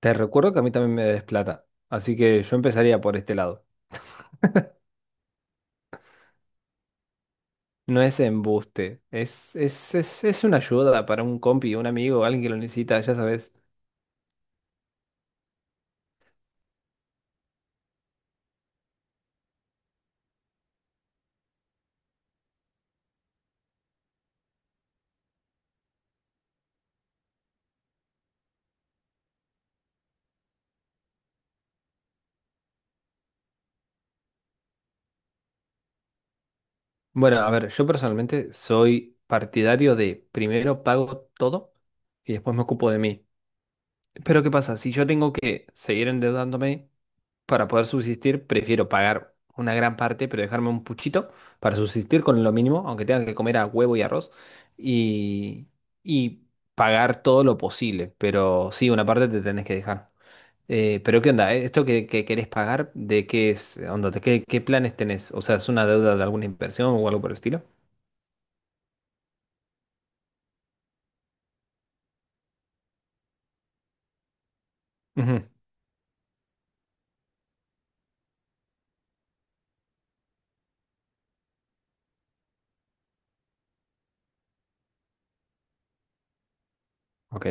Te recuerdo que a mí también me des plata, así que yo empezaría por este lado. No es embuste, es una ayuda para un compi, un amigo, alguien que lo necesita, ya sabes. Bueno, a ver, yo personalmente soy partidario de primero pago todo y después me ocupo de mí. Pero ¿qué pasa? Si yo tengo que seguir endeudándome, para poder subsistir, prefiero pagar una gran parte, pero dejarme un puchito para subsistir con lo mínimo, aunque tenga que comer a huevo y arroz, y, y pagar todo lo posible. Pero sí, una parte te tenés que dejar. Pero ¿qué onda? ¿Eh? ¿Esto que querés pagar, de qué es? Onda, qué planes tenés? O sea, ¿es una deuda de alguna inversión o algo por el estilo? Ujú. Ok.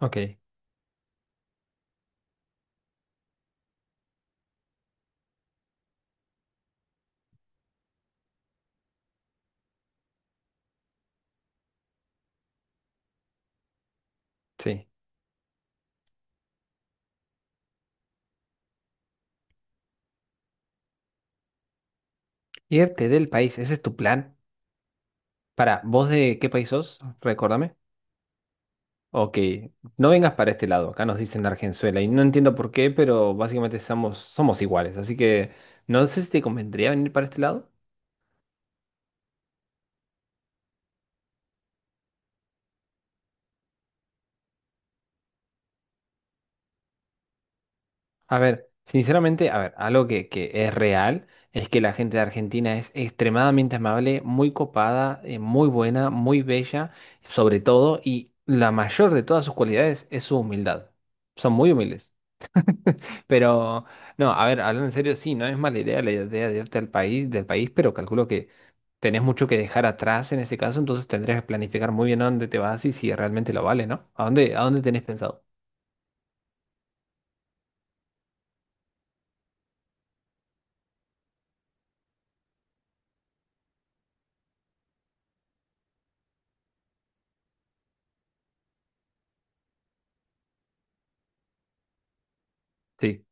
Ok. Sí. Irte del país, ¿ese es tu plan? Para, ¿vos de qué país sos? Recordame. Ok, no vengas para este lado, acá nos dicen Argenzuela y no entiendo por qué, pero básicamente somos, iguales, así que no sé si te convendría venir para este lado. A ver, sinceramente, a ver, algo que es real es que la gente de Argentina es extremadamente amable, muy copada, muy buena, muy bella, sobre todo, y la mayor de todas sus cualidades es su humildad. Son muy humildes. Pero, no, a ver, hablando en serio, sí, no es mala idea la idea de irte al país, del país, pero calculo que tenés mucho que dejar atrás en ese caso, entonces tendrías que planificar muy bien a dónde te vas y si realmente lo vale, ¿no? ¿A dónde tenés pensado? Sí.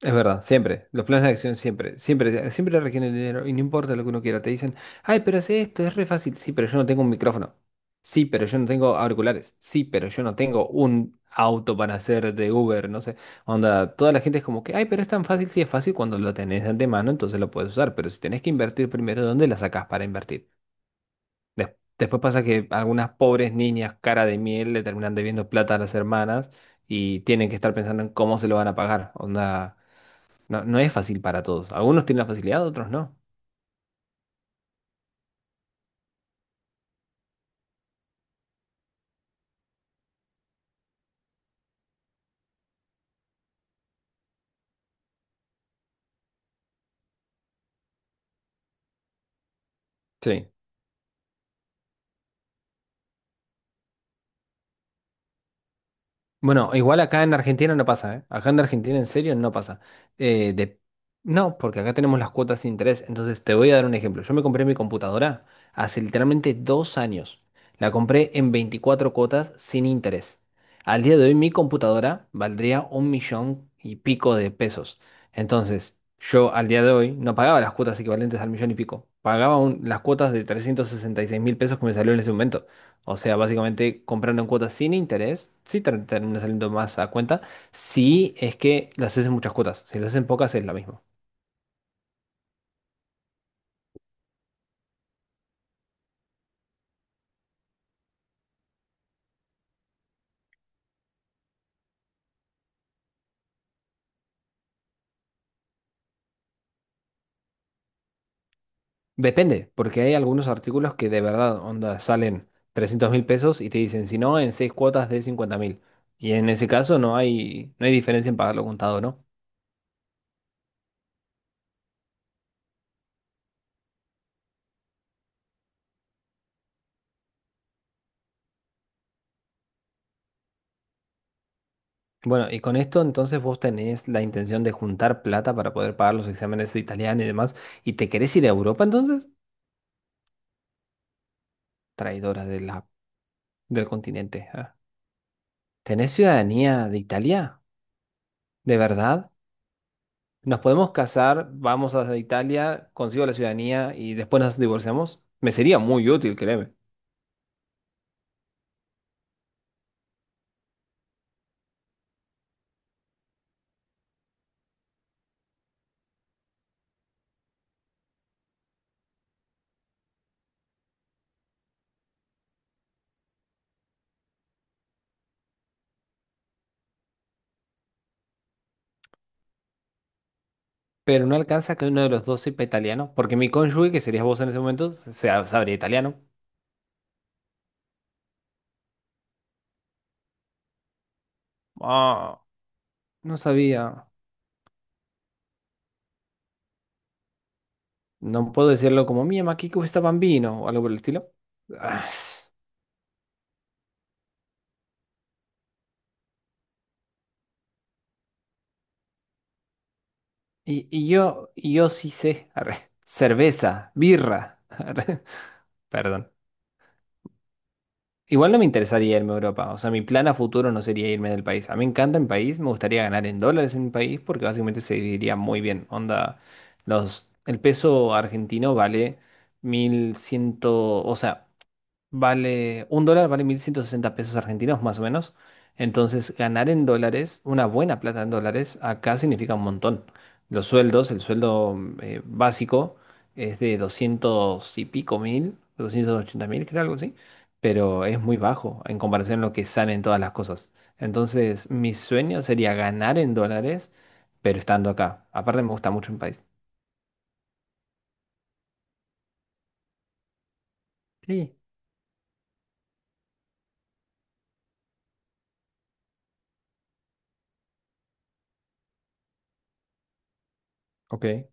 Es verdad, siempre. Los planes de acción siempre, siempre, siempre requieren dinero y no importa lo que uno quiera. Te dicen, ay, pero hace esto, es re fácil. Sí, pero yo no tengo un micrófono. Sí, pero yo no tengo auriculares. Sí, pero yo no tengo un auto para hacer de Uber, no sé. Onda, toda la gente es como que, ay, pero es tan fácil. Sí, es fácil cuando lo tenés de antemano, entonces lo puedes usar. Pero si tenés que invertir primero, ¿dónde la sacás para invertir? Después pasa que algunas pobres niñas cara de miel le terminan debiendo plata a las hermanas y tienen que estar pensando en cómo se lo van a pagar. Onda. No, no es fácil para todos. Algunos tienen la facilidad, otros no. Sí. Bueno, igual acá en Argentina no pasa, ¿eh? Acá en Argentina en serio no pasa. Eh, de... No, porque acá tenemos las cuotas sin interés. Entonces te voy a dar un ejemplo. Yo me compré mi computadora hace literalmente 2 años. La compré en 24 cuotas sin interés. Al día de hoy mi computadora valdría un millón y pico de pesos. Entonces, yo al día de hoy no pagaba las cuotas equivalentes al millón y pico. Pagaba las cuotas de 366.000 pesos que me salió en ese momento. O sea, básicamente comprando en cuotas sin interés, sí te termina saliendo más a cuenta, si es que las haces en muchas cuotas, si las haces en pocas es la misma. Depende, porque hay algunos artículos que de verdad, onda, salen 300.000 pesos y te dicen, si no, en seis cuotas de 50.000. Y en ese caso no hay, no hay diferencia en pagarlo contado, ¿no? Bueno, y con esto entonces vos tenés la intención de juntar plata para poder pagar los exámenes de italiano y demás, y te querés ir a Europa entonces, traidora de la, del continente. Ah. ¿Tenés ciudadanía de Italia? ¿De verdad? ¿Nos podemos casar? Vamos a Italia, consigo la ciudadanía y después nos divorciamos. Me sería muy útil, créeme. Pero no alcanza que uno de los dos sepa italiano, porque mi cónyuge, que serías vos en ese momento, sabría italiano. Ah, no sabía. No puedo decirlo como mia, ma che gusta bambino o algo por el estilo. Ah, y yo sí sé. Arre. Cerveza, birra. Arre. Perdón. Igual no me interesaría irme a Europa. O sea, mi plan a futuro no sería irme del país. A mí me encanta mi país, me gustaría ganar en dólares en mi país porque básicamente se viviría muy bien. Onda, los, el peso argentino vale mil ciento o sea, vale, un dólar vale 1.160 pesos argentinos más o menos. Entonces, ganar en dólares, una buena plata en dólares, acá significa un montón. Los sueldos, el sueldo básico es de 200 y pico mil, 280.000, creo algo así, pero es muy bajo en comparación a lo que salen todas las cosas. Entonces, mi sueño sería ganar en dólares, pero estando acá. Aparte, me gusta mucho mi país. Sí. Ok.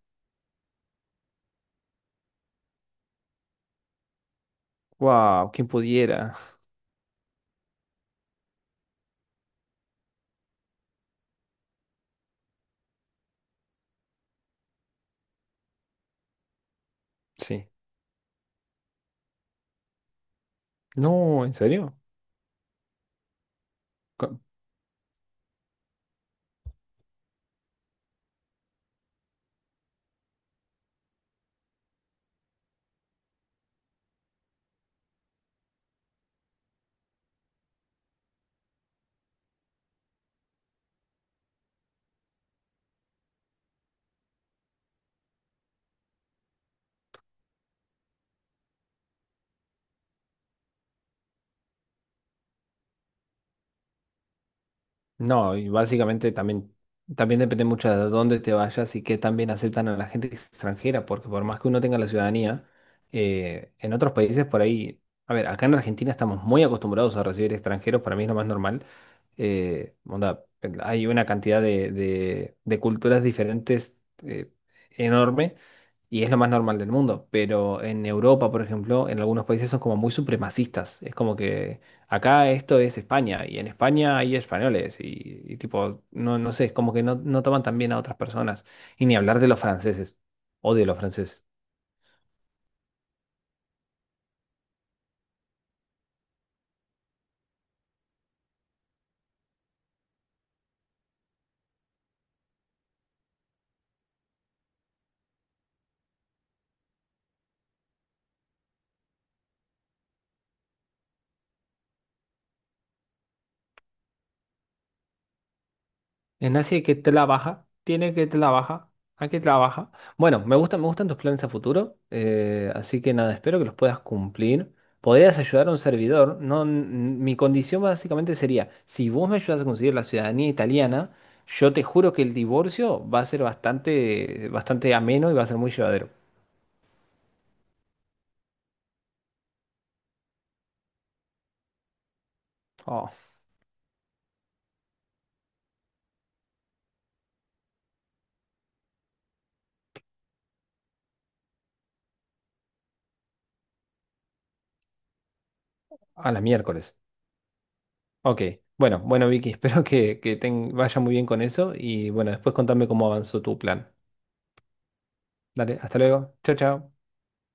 Wow, ¿quién pudiera? Sí. No, ¿en serio? No, y básicamente también, también depende mucho de dónde te vayas y qué también aceptan a la gente extranjera, porque por más que uno tenga la ciudadanía, en otros países por ahí, a ver, acá en Argentina estamos muy acostumbrados a recibir extranjeros, para mí es lo más normal. Onda, hay una cantidad de culturas diferentes, enorme y es lo más normal del mundo, pero en Europa, por ejemplo, en algunos países son como muy supremacistas. Es como que acá esto es España y en España hay españoles y tipo, no, no sé, es como que no, no toman tan bien a otras personas. Y ni hablar de los franceses. Odio a los franceses. Es así que trabaja, tiene que trabajar, hay que trabajar. Bueno, me gustan tus planes a futuro, así que nada, espero que los puedas cumplir. Podrías ayudar a un servidor, no, mi condición básicamente sería, si vos me ayudas a conseguir la ciudadanía italiana, yo te juro que el divorcio va a ser bastante, bastante ameno y va a ser muy llevadero. Oh, a la miércoles. Ok, bueno, bueno Vicky, espero que te vaya muy bien con eso y bueno, después contame cómo avanzó tu plan. Dale, hasta luego. Chao, chao.